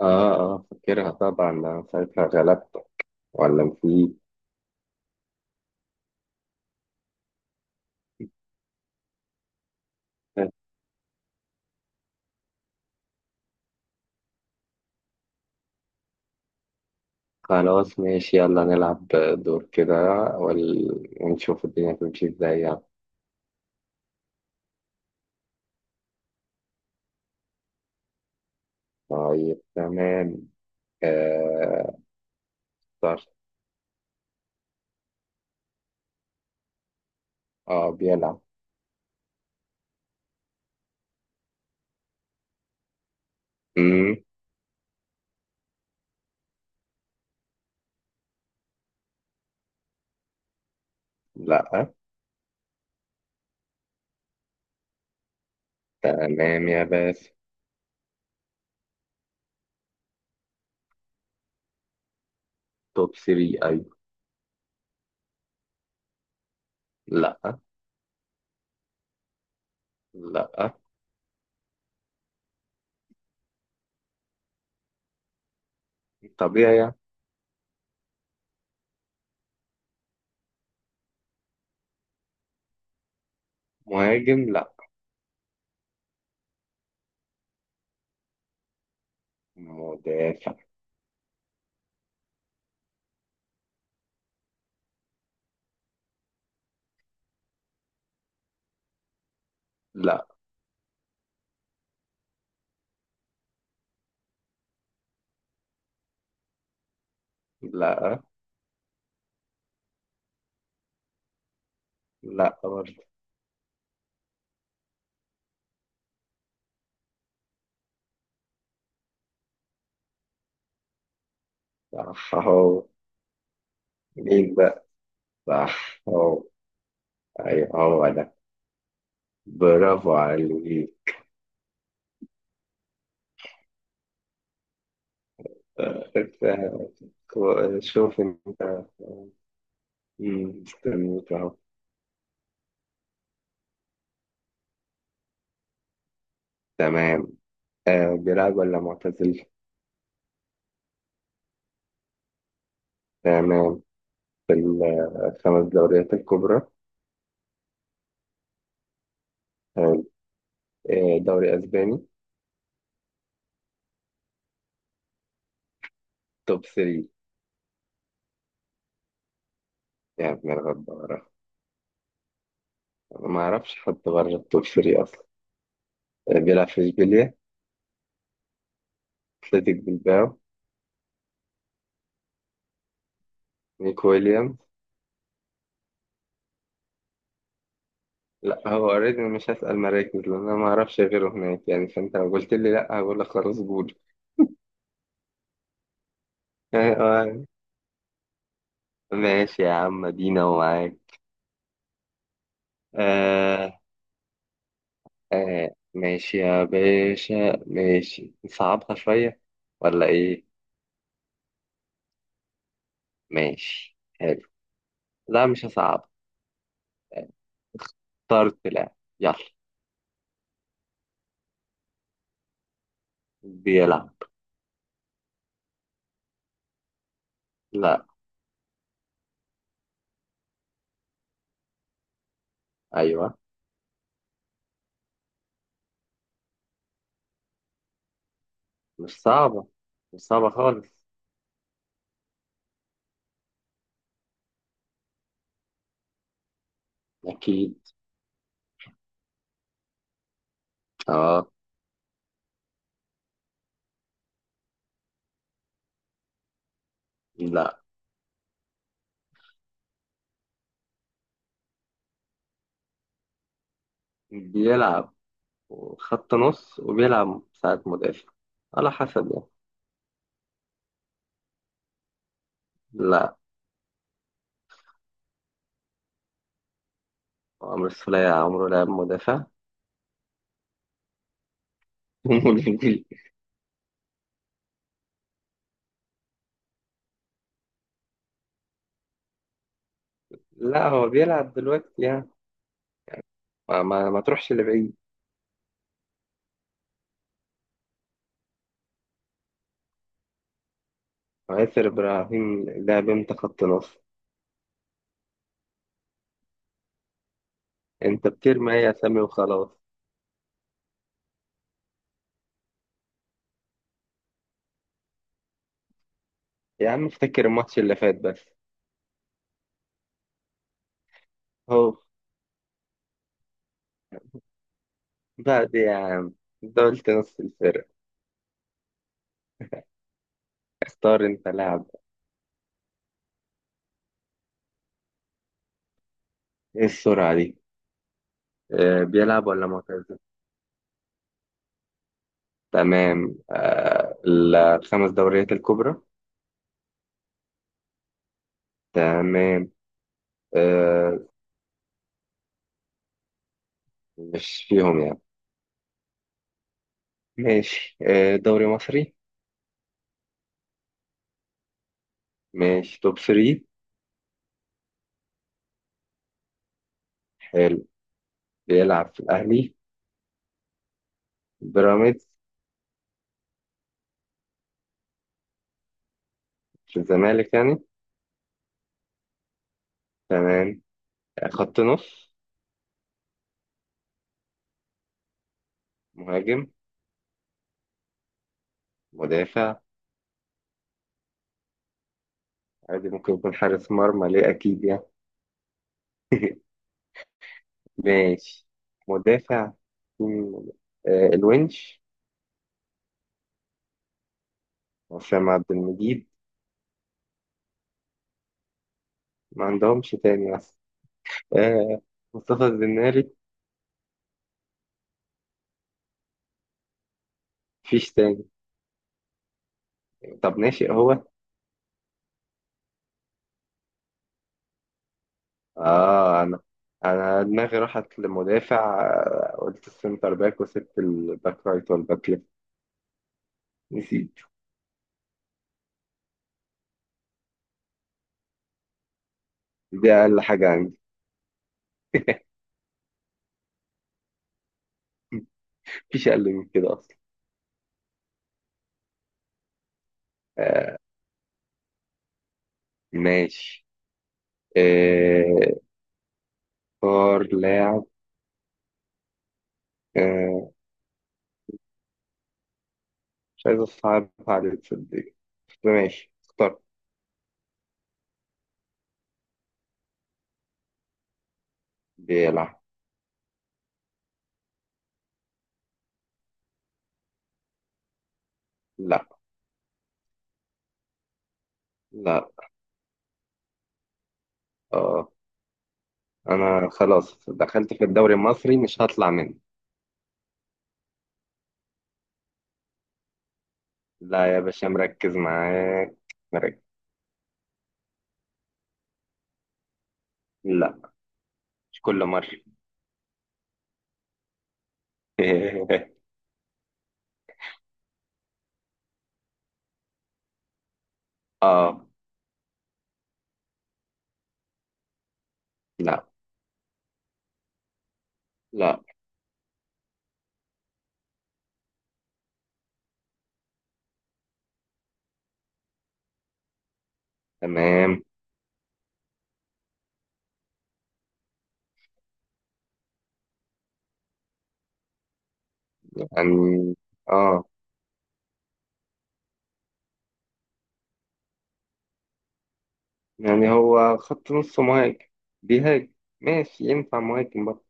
اه اه، فاكرها طبعا. ساعتها غلبتك ولا في؟ خلاص ماشي، يلا نلعب دور كده، وال... ونشوف الدنيا تمشي ازاي يعني. طيب تمام، آه طرش. اه، بيلعب. مم. لا. تمام يا باشا. توب 3؟ ايوه. لا. لا. طبيعي يعني. مهاجم؟ لا. مدافع. لا. لا. لا برضه. صح اهو. مين بقى؟ صح اهو. ايوه، هو ده. برافو عليك. آه، أنت. شوف انت. مستنيك اهو. تمام. بيلعب ولا معتزل؟ تمام. في الخمس دوريات الكبرى؟ تمام. دوري اسباني؟ توب 3؟ يا ابن الغدارة. أنا ما اعرفش حد بره التوب 3 اصلا. بيلعب في اشبيليا؟ اتلتيك بلباو؟ نيك ويليامز. لا، هو اوريدي، أنا مش هسأل مراكز لان انا ما اعرفش غيره هناك يعني، فانت لو قلت لي لا هقول لك خلاص قول. أيوة. ماشي يا عم، دينا ومعاك. آه آه. ماشي يا باشا. ماشي، نصعبها شوية ولا إيه؟ ماشي، حلو. لا، مش هصعب. طرد؟ لا. يلا. بيلعب. لا. أيوة. مش صعبة، مش صعبة خالص. أكيد. أه. لا، بيلعب. خط نص وبيلعب ساعة مدافع، على حسب يعني. لا. عمرو السولية عمره لعب مدافع. لا، هو بيلعب دلوقتي يعني. ما تروحش لبعيد. ياسر إبراهيم ده بنت خط نص. أنت بترمي أي أسامي وخلاص. يا عم، افتكر الماتش اللي فات بس. هو. بعد يا عم، أنت قلت نص الفرق. اختار أنت لاعب. إيه السرعة دي؟ بيلعب ولا معتزل؟ تمام. الخمس دوريات الكبرى؟ تمام. آه مش فيهم يعني؟ ماشي. دوري مصري؟ ماشي. توب 3؟ حلو. بيلعب في الأهلي؟ بيراميدز؟ في الزمالك يعني؟ تمام. خط نص؟ مهاجم؟ مدافع؟ عادي، ممكن يكون حارس مرمى، ليه؟ أكيد يعني. ماشي. مدافع. مين- الونش؟ وسام عبد المجيد؟ ما عندهمش تاني أصلا. آه مصطفى الزناري؟ مفيش تاني. طب ناشئ هو؟ آه أنا أنا دماغي راحت لمدافع، قلت السنتر باك وسبت الباك رايت والباك ليفت. نسيت. دي أقل حاجة عندي. مفيش أقل من كده أصلا. ماشي. آه، اختار لاعب. آه، مش عايز اصعب عليك تصدق. ماشي، اختار. بيلعب. لا. لا. اه. انا خلاص دخلت في الدوري المصري، مش هطلع منه. لا يا باشا، مركز معاك. مركز. لا. مش كل مرة. اه. لا. لا. تمام يعني. اه، يعني هو خط نص مهاجم، بيهاجم. ماشي، ينفع مهاجم برضه.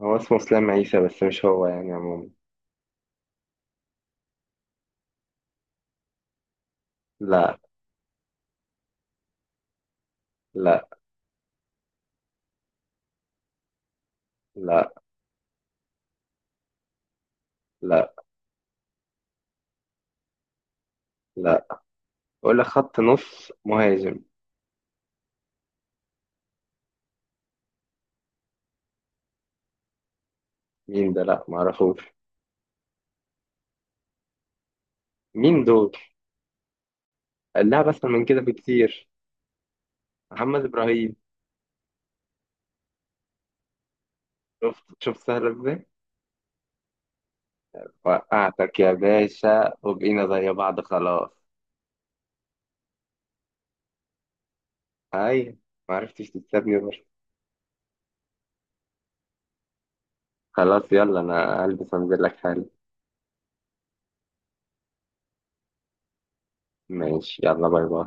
هو اسمه اسلام عيسى، بس مش هو يعني عموما. لا. لا. لا. لا. لا. ولا خط نص مهاجم؟ مين ده؟ لا معرفوش. مين دول؟ اللعبة اسهل من كده بكتير. محمد ابراهيم. شفت شفت؟ سهل ازاي. وقعتك يا باشا، وبقينا زي بعض خلاص. هاي. معرفتش تكسبني برضه. خلاص، يلا انا هلبس وانزل لك حالا. ماشي، يلا باي باي.